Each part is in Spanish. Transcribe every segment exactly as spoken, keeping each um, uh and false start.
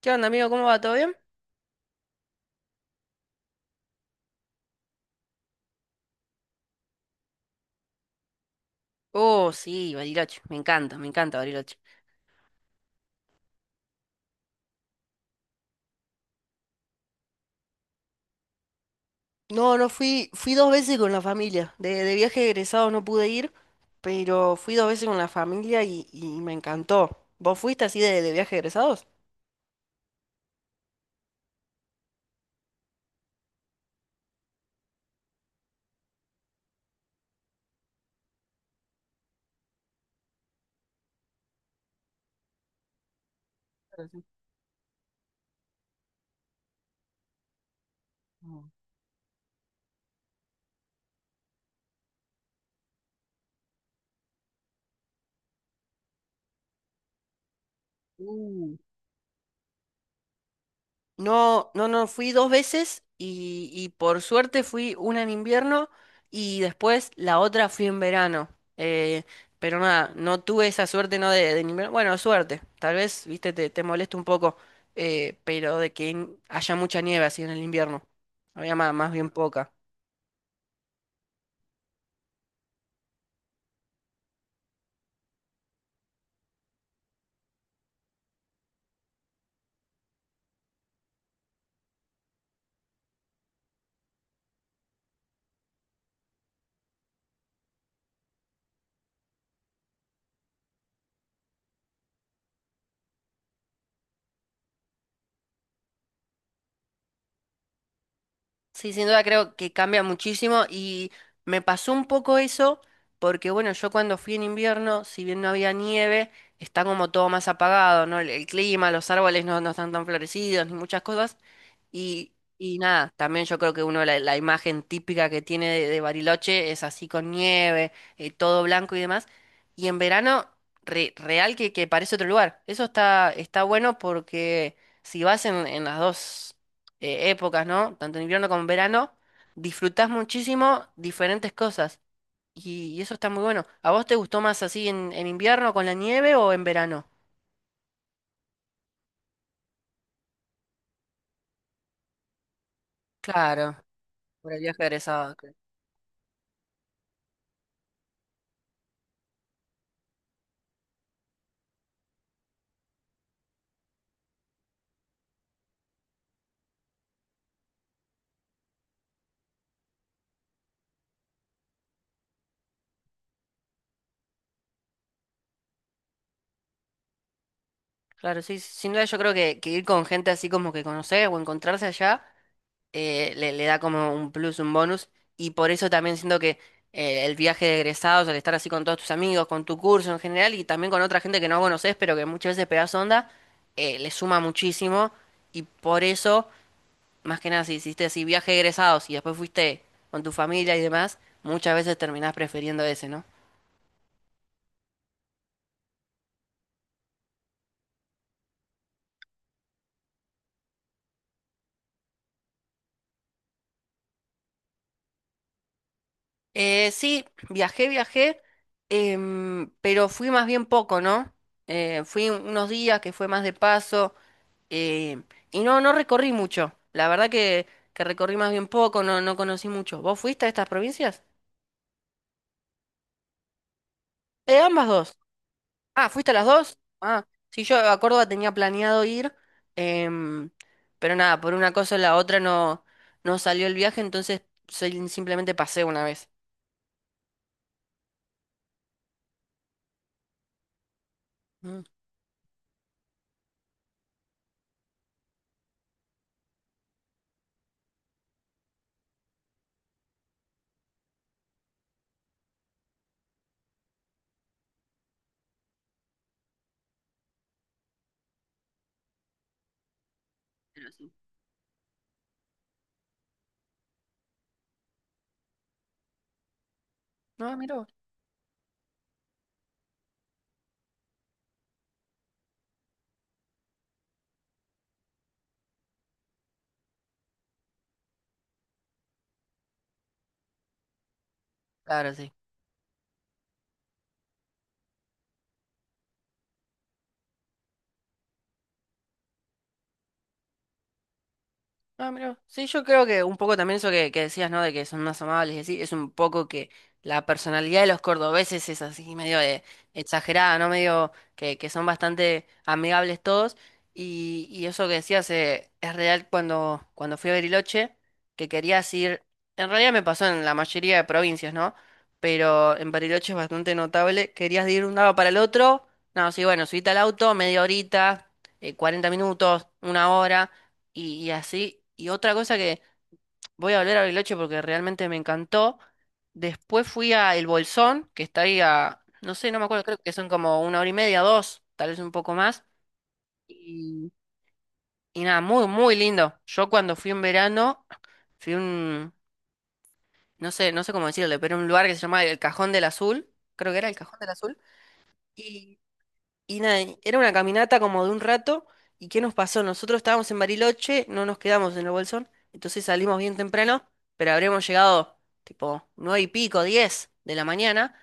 ¿Qué onda, amigo? ¿Cómo va? ¿Todo bien? Oh, sí, Bariloche. Me encanta, me encanta Bariloche. No, no fui, fui dos veces con la familia. De, de viaje de egresado no pude ir, pero fui dos veces con la familia y, y me encantó. ¿Vos fuiste así de, de viaje de egresados? Mm. Uh. No, no, no, fui dos veces y, y por suerte fui una en invierno y después la otra fui en verano. Eh, pero nada, no tuve esa suerte, no de, de en invierno. Bueno, suerte, tal vez, viste, te, te molesta un poco, eh, pero de que en- haya mucha nieve así en el invierno. Había más, más bien poca. Sí, sin duda creo que cambia muchísimo y me pasó un poco eso porque bueno, yo cuando fui en invierno, si bien no había nieve, está como todo más apagado, ¿no? El, el clima, los árboles no, no están tan florecidos ni muchas cosas. Y, y nada, también yo creo que uno la, la imagen típica que tiene de, de Bariloche es así con nieve, eh, todo blanco y demás. Y en verano, re- real que, que parece otro lugar. Eso está, está bueno porque si vas en, en las dos eh, épocas, ¿no? Tanto en invierno como en verano, disfrutás muchísimo diferentes cosas. Y, y eso está muy bueno. ¿A vos te gustó más así en, en invierno con la nieve o en verano? Claro, por el viaje egresado. Claro, sí, sí, sin duda yo creo que, que ir con gente así como que conocer o encontrarse allá eh, le, le da como un plus, un bonus. Y por eso también siento que eh, el viaje de egresados, al estar así con todos tus amigos, con tu curso en general y también con otra gente que no conoces, pero que muchas veces pegas onda, eh, le suma muchísimo. Y por eso, más que nada, si hiciste así viaje de egresados y después fuiste con tu familia y demás, muchas veces terminás prefiriendo ese, ¿no? Eh, sí, viajé, viajé, em, pero fui más bien poco, ¿no? Eh, fui unos días que fue más de paso, em, y no, no recorrí mucho. La verdad que, que recorrí más bien poco, no, no conocí mucho. ¿Vos fuiste a estas provincias? Eh, ambas dos. Ah, ¿fuiste a las dos? Ah, sí, yo a Córdoba tenía planeado ir, em, pero nada, por una cosa o la otra no, no salió el viaje, entonces soy- simplemente pasé una vez. Mm. Pero sí. No, mira vos. Claro, sí. Ah, mira. Sí, yo creo que un poco también eso que, que decías, ¿no? De que son más amables y así, es un poco que la personalidad de los cordobeses es así, medio de- exagerada, ¿no? Medio que, que son bastante amigables todos. Y, y eso que decías, eh, es real cuando, cuando fui a Bariloche, que querías ir. En realidad me pasó en la mayoría de provincias, ¿no? Pero en Bariloche es bastante notable. Querías de ir de un lado para el otro. No, sí, bueno, subiste al auto, media horita, eh, cuarenta minutos, una hora y, y así. Y otra cosa que voy a volver a Bariloche porque realmente me encantó. Después fui a El Bolsón, que está ahí a, no sé, no me acuerdo, creo que son como una hora y media, dos, tal vez un poco más. Y, y nada, muy, muy lindo. Yo cuando fui en verano, fui a un, no sé, no sé cómo decirle, pero un lugar que se llama El Cajón del Azul, creo que era El Cajón del Azul. Y nada, y era una caminata como de un rato. ¿Y qué nos pasó? Nosotros estábamos en Bariloche, no nos quedamos en el Bolsón, entonces salimos bien temprano, pero habremos llegado tipo nueve y pico, diez de la mañana.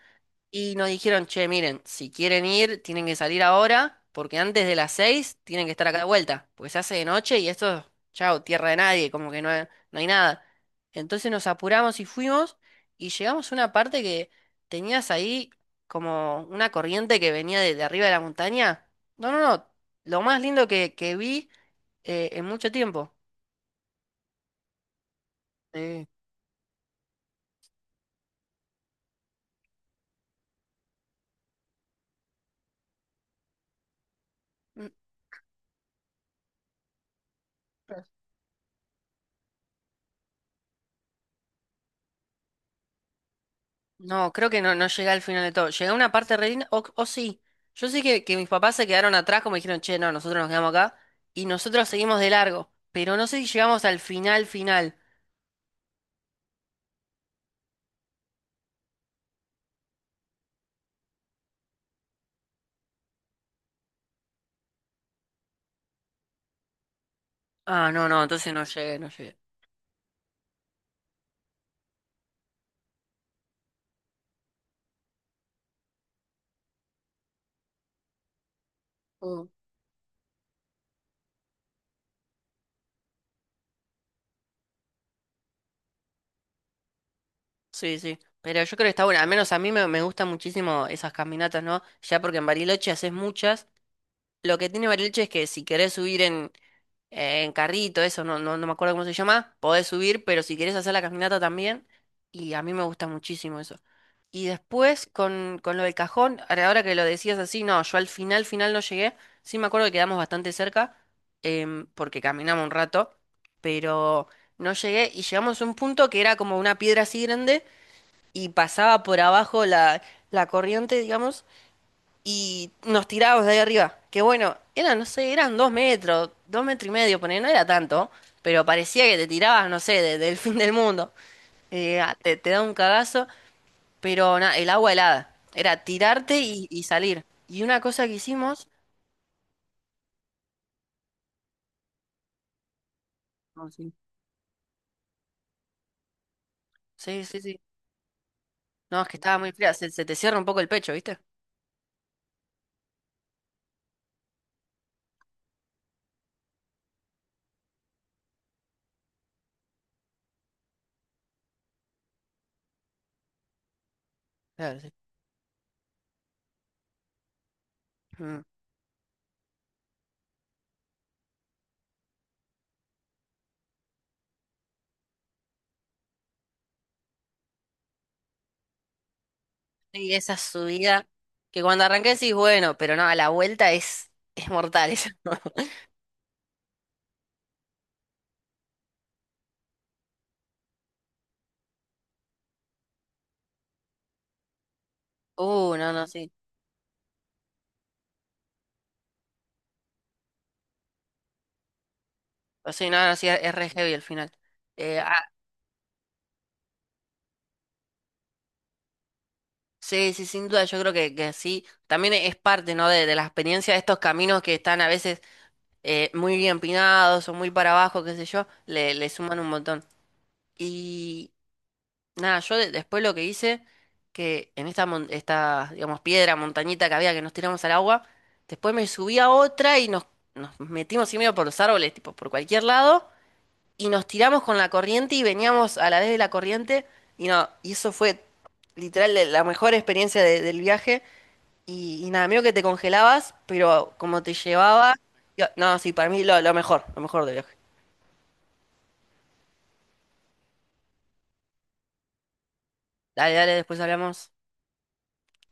Y nos dijeron, che, miren, si quieren ir, tienen que salir ahora, porque antes de las seis tienen que estar acá de vuelta, porque se hace de noche y esto, chao, tierra de nadie, como que no, hay- no hay nada. Entonces nos apuramos y fuimos y llegamos a una parte que tenías ahí como una corriente que venía de, de arriba de la montaña. No, no, no, lo más lindo que, que vi eh, en mucho tiempo. Sí. Mm. No, creo que no, no, llegué al final de todo. Llegué a una parte re linda, o, o sí. Yo sé que, que mis papás se quedaron atrás, como dijeron, che, no, nosotros nos quedamos acá y nosotros seguimos de largo. Pero no sé si llegamos al final, final. Ah, no, no, entonces no llegué, no llegué. Mm. Sí, sí. Pero yo creo que está bueno. Al menos a mí me, me gustan muchísimo esas caminatas, ¿no? Ya porque en Bariloche haces muchas. Lo que tiene Bariloche es que si querés subir en, eh, en carrito, eso, no, no, no me acuerdo cómo se llama, podés subir, pero si querés hacer la caminata también, y a mí me gusta muchísimo eso. Y después con, con lo del cajón, ahora ahora que lo decías así, no, yo al final, final no llegué, sí me acuerdo que quedamos bastante cerca, em, porque caminamos un rato, pero no llegué y llegamos a un punto que era como una piedra así grande y pasaba por abajo la, la corriente, digamos, y nos tirábamos de ahí arriba. Que bueno, eran, no sé, eran dos metros, dos metros y medio, poner, no era tanto, pero parecía que te tirabas, no sé, de- del fin del mundo. Eh, ah, te, te da un cagazo, pero na- el agua helada. Era tirarte y, y salir. Y una cosa que hicimos. No, sí. Sí, sí, sí. No, es que estaba muy fría, se, se te cierra un poco el pecho, ¿viste? Claro, sí. Mm. Sí, esa subida que cuando arranqué decís, bueno, pero no, a la vuelta es, es mortal esa. Uh, no, no, sí. O sea, nada, sí, es re heavy al final. Eh, ah, sí, sí, sin duda, yo creo que, que sí. También es parte, ¿no? De, de la experiencia de estos caminos que están a veces eh, muy bien pinados o muy para abajo, qué sé yo, le, le suman un montón. Y nada, yo de- después lo que hice, que en esta, mon- esta, digamos, piedra, montañita que había que nos tiramos al agua, después me subí a otra y nos, nos metimos así medio por los árboles, tipo, por cualquier lado. Y nos tiramos con la corriente y veníamos a la vez de la corriente y no, y eso fue literal la la mejor experiencia de- del viaje y, y nada, medio que te congelabas, pero como te llevaba, yo- no, sí, para mí lo, lo, mejor, lo mejor del viaje. Dale, dale, después hablamos.